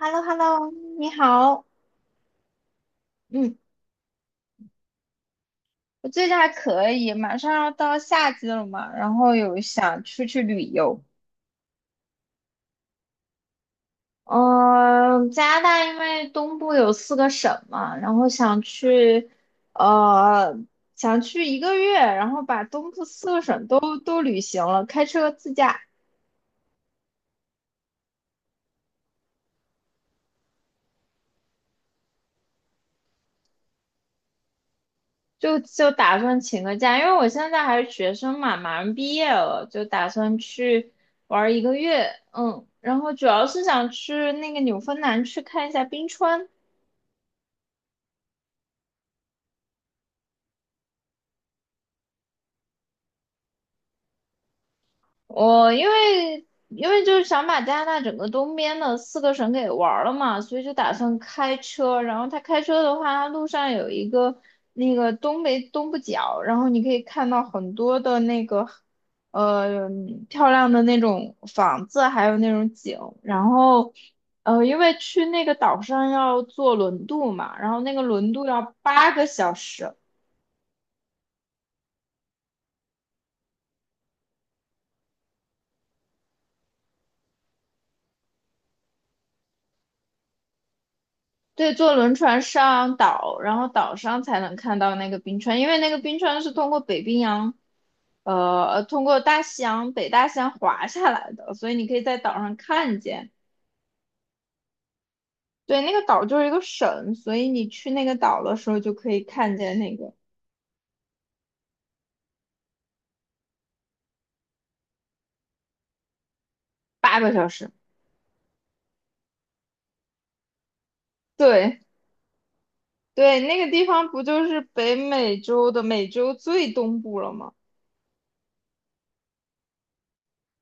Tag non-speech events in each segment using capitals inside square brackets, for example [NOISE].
h e l l o Hello 你好，嗯，我最近还可以，马上要到夏季了嘛，然后有想出去旅游。嗯、加拿大因为东部有四个省嘛，然后呃，想去一个月，然后把东部四个省都旅行了，开车自驾。就打算请个假，因为我现在还是学生嘛，马上毕业了，就打算去玩儿一个月，嗯，然后主要是想去那个纽芬兰去看一下冰川，我因为就是想把加拿大整个东边的四个省给玩儿了嘛，所以就打算开车。然后他开车的话，他路上有一个那个东北东部角，然后你可以看到很多的那个呃漂亮的那种房子，还有那种景。然后因为去那个岛上要坐轮渡嘛，然后那个轮渡要八个小时。对，坐轮船上岛，然后岛上才能看到那个冰川，因为那个冰川是通过北冰洋，呃，通过大西洋、北大西洋滑下来的，所以你可以在岛上看见。对，那个岛就是一个省，所以你去那个岛的时候就可以看见那个八个小时。对对，那个地方不就是北美洲的美洲最东部了吗？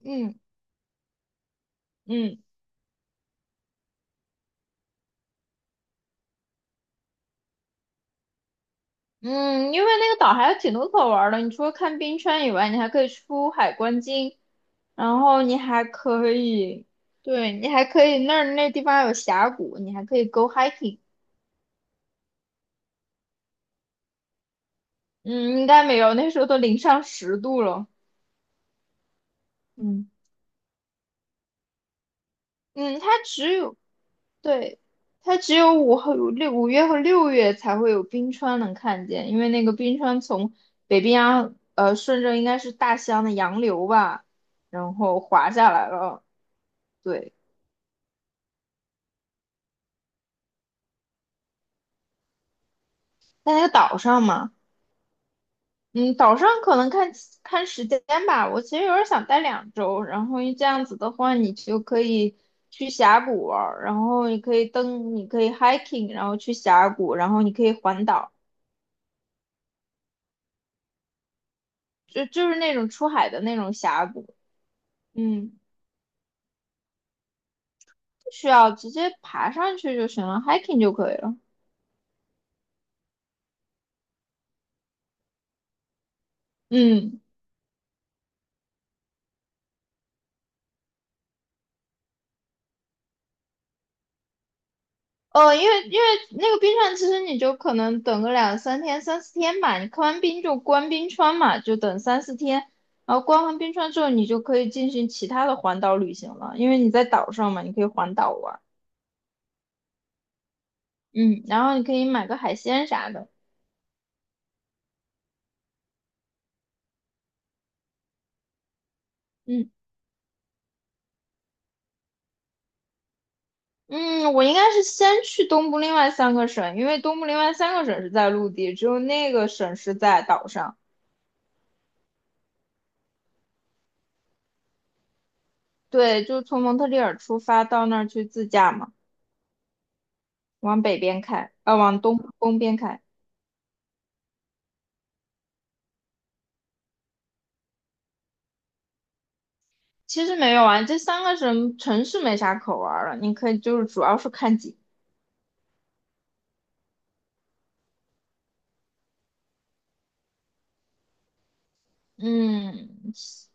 嗯嗯嗯，因为那个岛还有挺多可玩儿的，你除了看冰川以外，你还可以出海观鲸。然后你还可以，对，你还可以那儿那地方有峡谷，你还可以 go hiking。嗯，应该没有，那时候都零上10度了。嗯嗯，它只有，对，它只有5月和6月才会有冰川能看见，因为那个冰川从北冰洋，顺着应该是大西洋的洋流吧，然后滑下来了。对，在那个岛上嘛。嗯，岛上可能看看时间吧。我其实有点想待2周，然后这样子的话，你就可以去峡谷玩儿然后你可以登，你可以 hiking，然后去峡谷，然后你可以环岛，就是那种出海的那种峡谷，嗯，不需要直接爬上去就行了，hiking 就可以了。嗯。因为那个冰川，其实你就可能等个两三天、三四天吧。你看完冰就关冰川嘛，就等三四天。然后关完冰川之后，你就可以进行其他的环岛旅行了，因为你在岛上嘛，你可以环岛玩儿嗯，然后你可以买个海鲜啥的。嗯嗯，我应该是先去东部另外三个省，因为东部另外三个省是在陆地，只有那个省是在岛上。对，就从蒙特利尔出发到那儿去自驾嘛，往北边开，啊、往东边开。其实没有啊，这三个城市没啥可玩儿的，你可以就是主要是看景，嗯，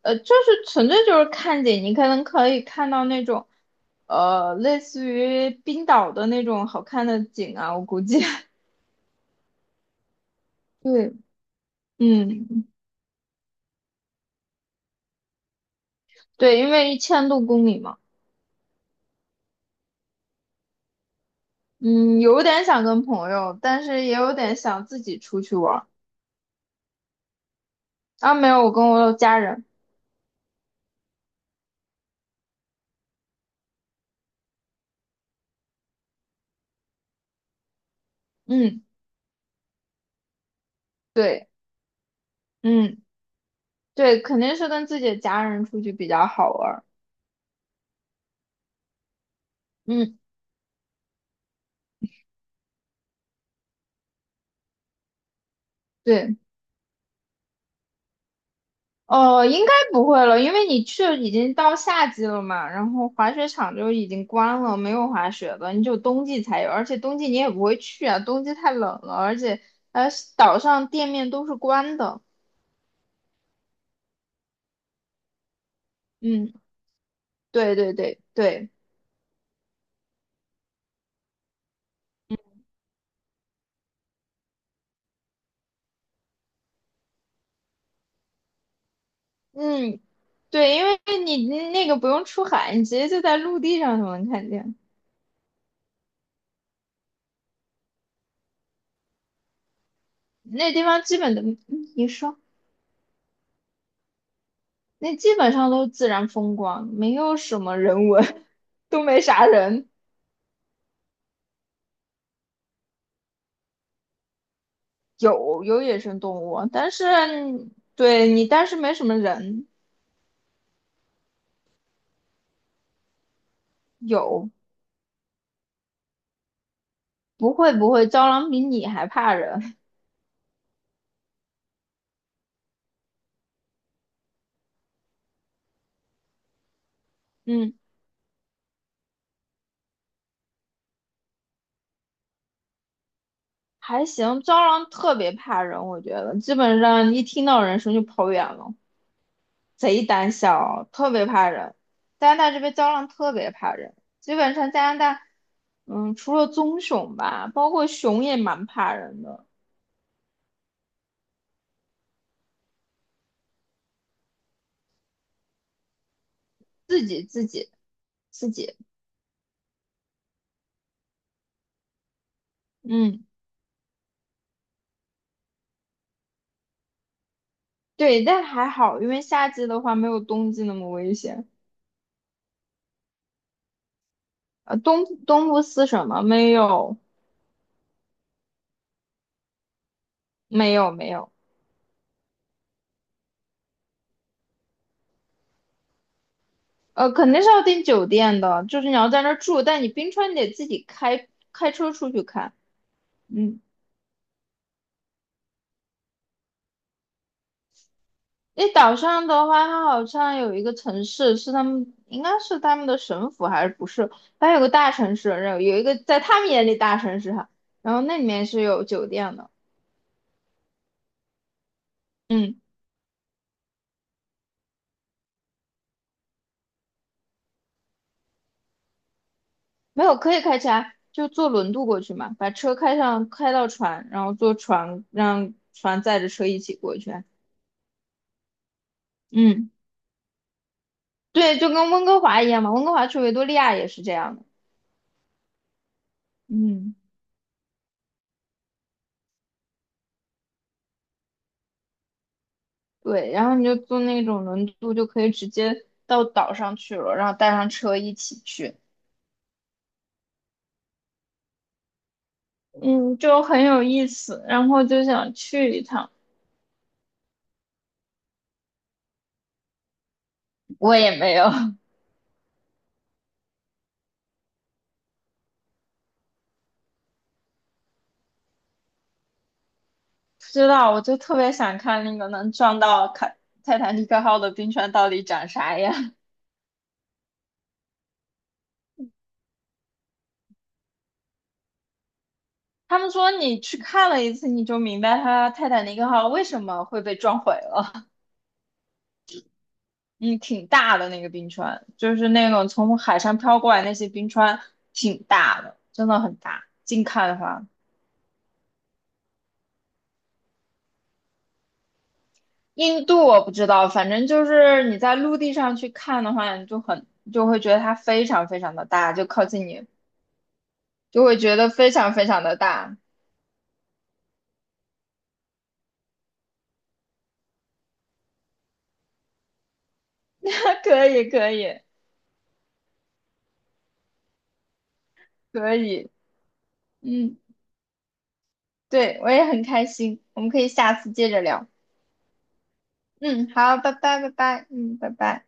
就是纯粹就是看景，你可能可以看到那种，类似于冰岛的那种好看的景啊，我估计，[LAUGHS] 对，嗯，对，因为1000多公里嘛，嗯，有点想跟朋友，但是也有点想自己出去玩儿，啊，没有，我跟我家人，嗯，对，嗯，对，肯定是跟自己的家人出去比较好玩儿，嗯，对。哦，应该不会了，因为你去已经到夏季了嘛，然后滑雪场就已经关了，没有滑雪的，你只有冬季才有，而且冬季你也不会去啊，冬季太冷了，而且呃岛上店面都是关的。嗯，对对对对，嗯，对，因为你那个不用出海，你直接就在陆地上就能看见，那地方基本的，嗯你说那基本上都是自然风光，没有什么人文，[LAUGHS] 都没啥人。有有野生动物，但是对你，但是没什么人。有，不会不会，蟑螂比你还怕人。[LAUGHS] 嗯，还行，蟑螂特别怕人，我觉得基本上一听到人声就跑远了，贼胆小，特别怕人。加拿大这边蟑螂特别怕人，基本上加拿大，嗯，除了棕熊吧，包括熊也蛮怕人的，自己自己自己，嗯，对，但还好，因为夏季的话没有冬季那么危险。东部斯什么？没有，没有，没有。肯定是要订酒店的，就是你要在那儿住，但你冰川你得自己开车出去看。嗯，那岛上的话，它好像有一个城市是他们，应该是他们的省府还是不是？它有个大城市，然后有一个在他们眼里大城市哈，然后那里面是有酒店的。嗯，没有，可以开车啊，就坐轮渡过去嘛，把车开上，开到船，然后坐船让船载着车一起过去啊嗯。对，就跟温哥华一样嘛，温哥华去维多利亚也是这样的。嗯，对，然后你就坐那种轮渡，就可以直接到岛上去了，然后带上车一起去，嗯，就很有意思。然后就想去一趟，我也没有 [LAUGHS] 不知道，我就特别想看那个能撞到泰坦尼克号的冰川到底长啥样。[LAUGHS] 他们说你去看了一次，你就明白它泰坦尼克号为什么会被撞毁了。嗯，挺大的那个冰川，就是那种从海上飘过来那些冰川，挺大的，真的很大。近看的话，印度我不知道，反正就是你在陆地上去看的话，你就很就会觉得它非常非常的大，就靠近你就会觉得非常非常的大。[LAUGHS] 可以，可以，可以，嗯，对，我也很开心，我们可以下次接着聊。嗯，好，拜拜，拜拜，嗯，拜拜。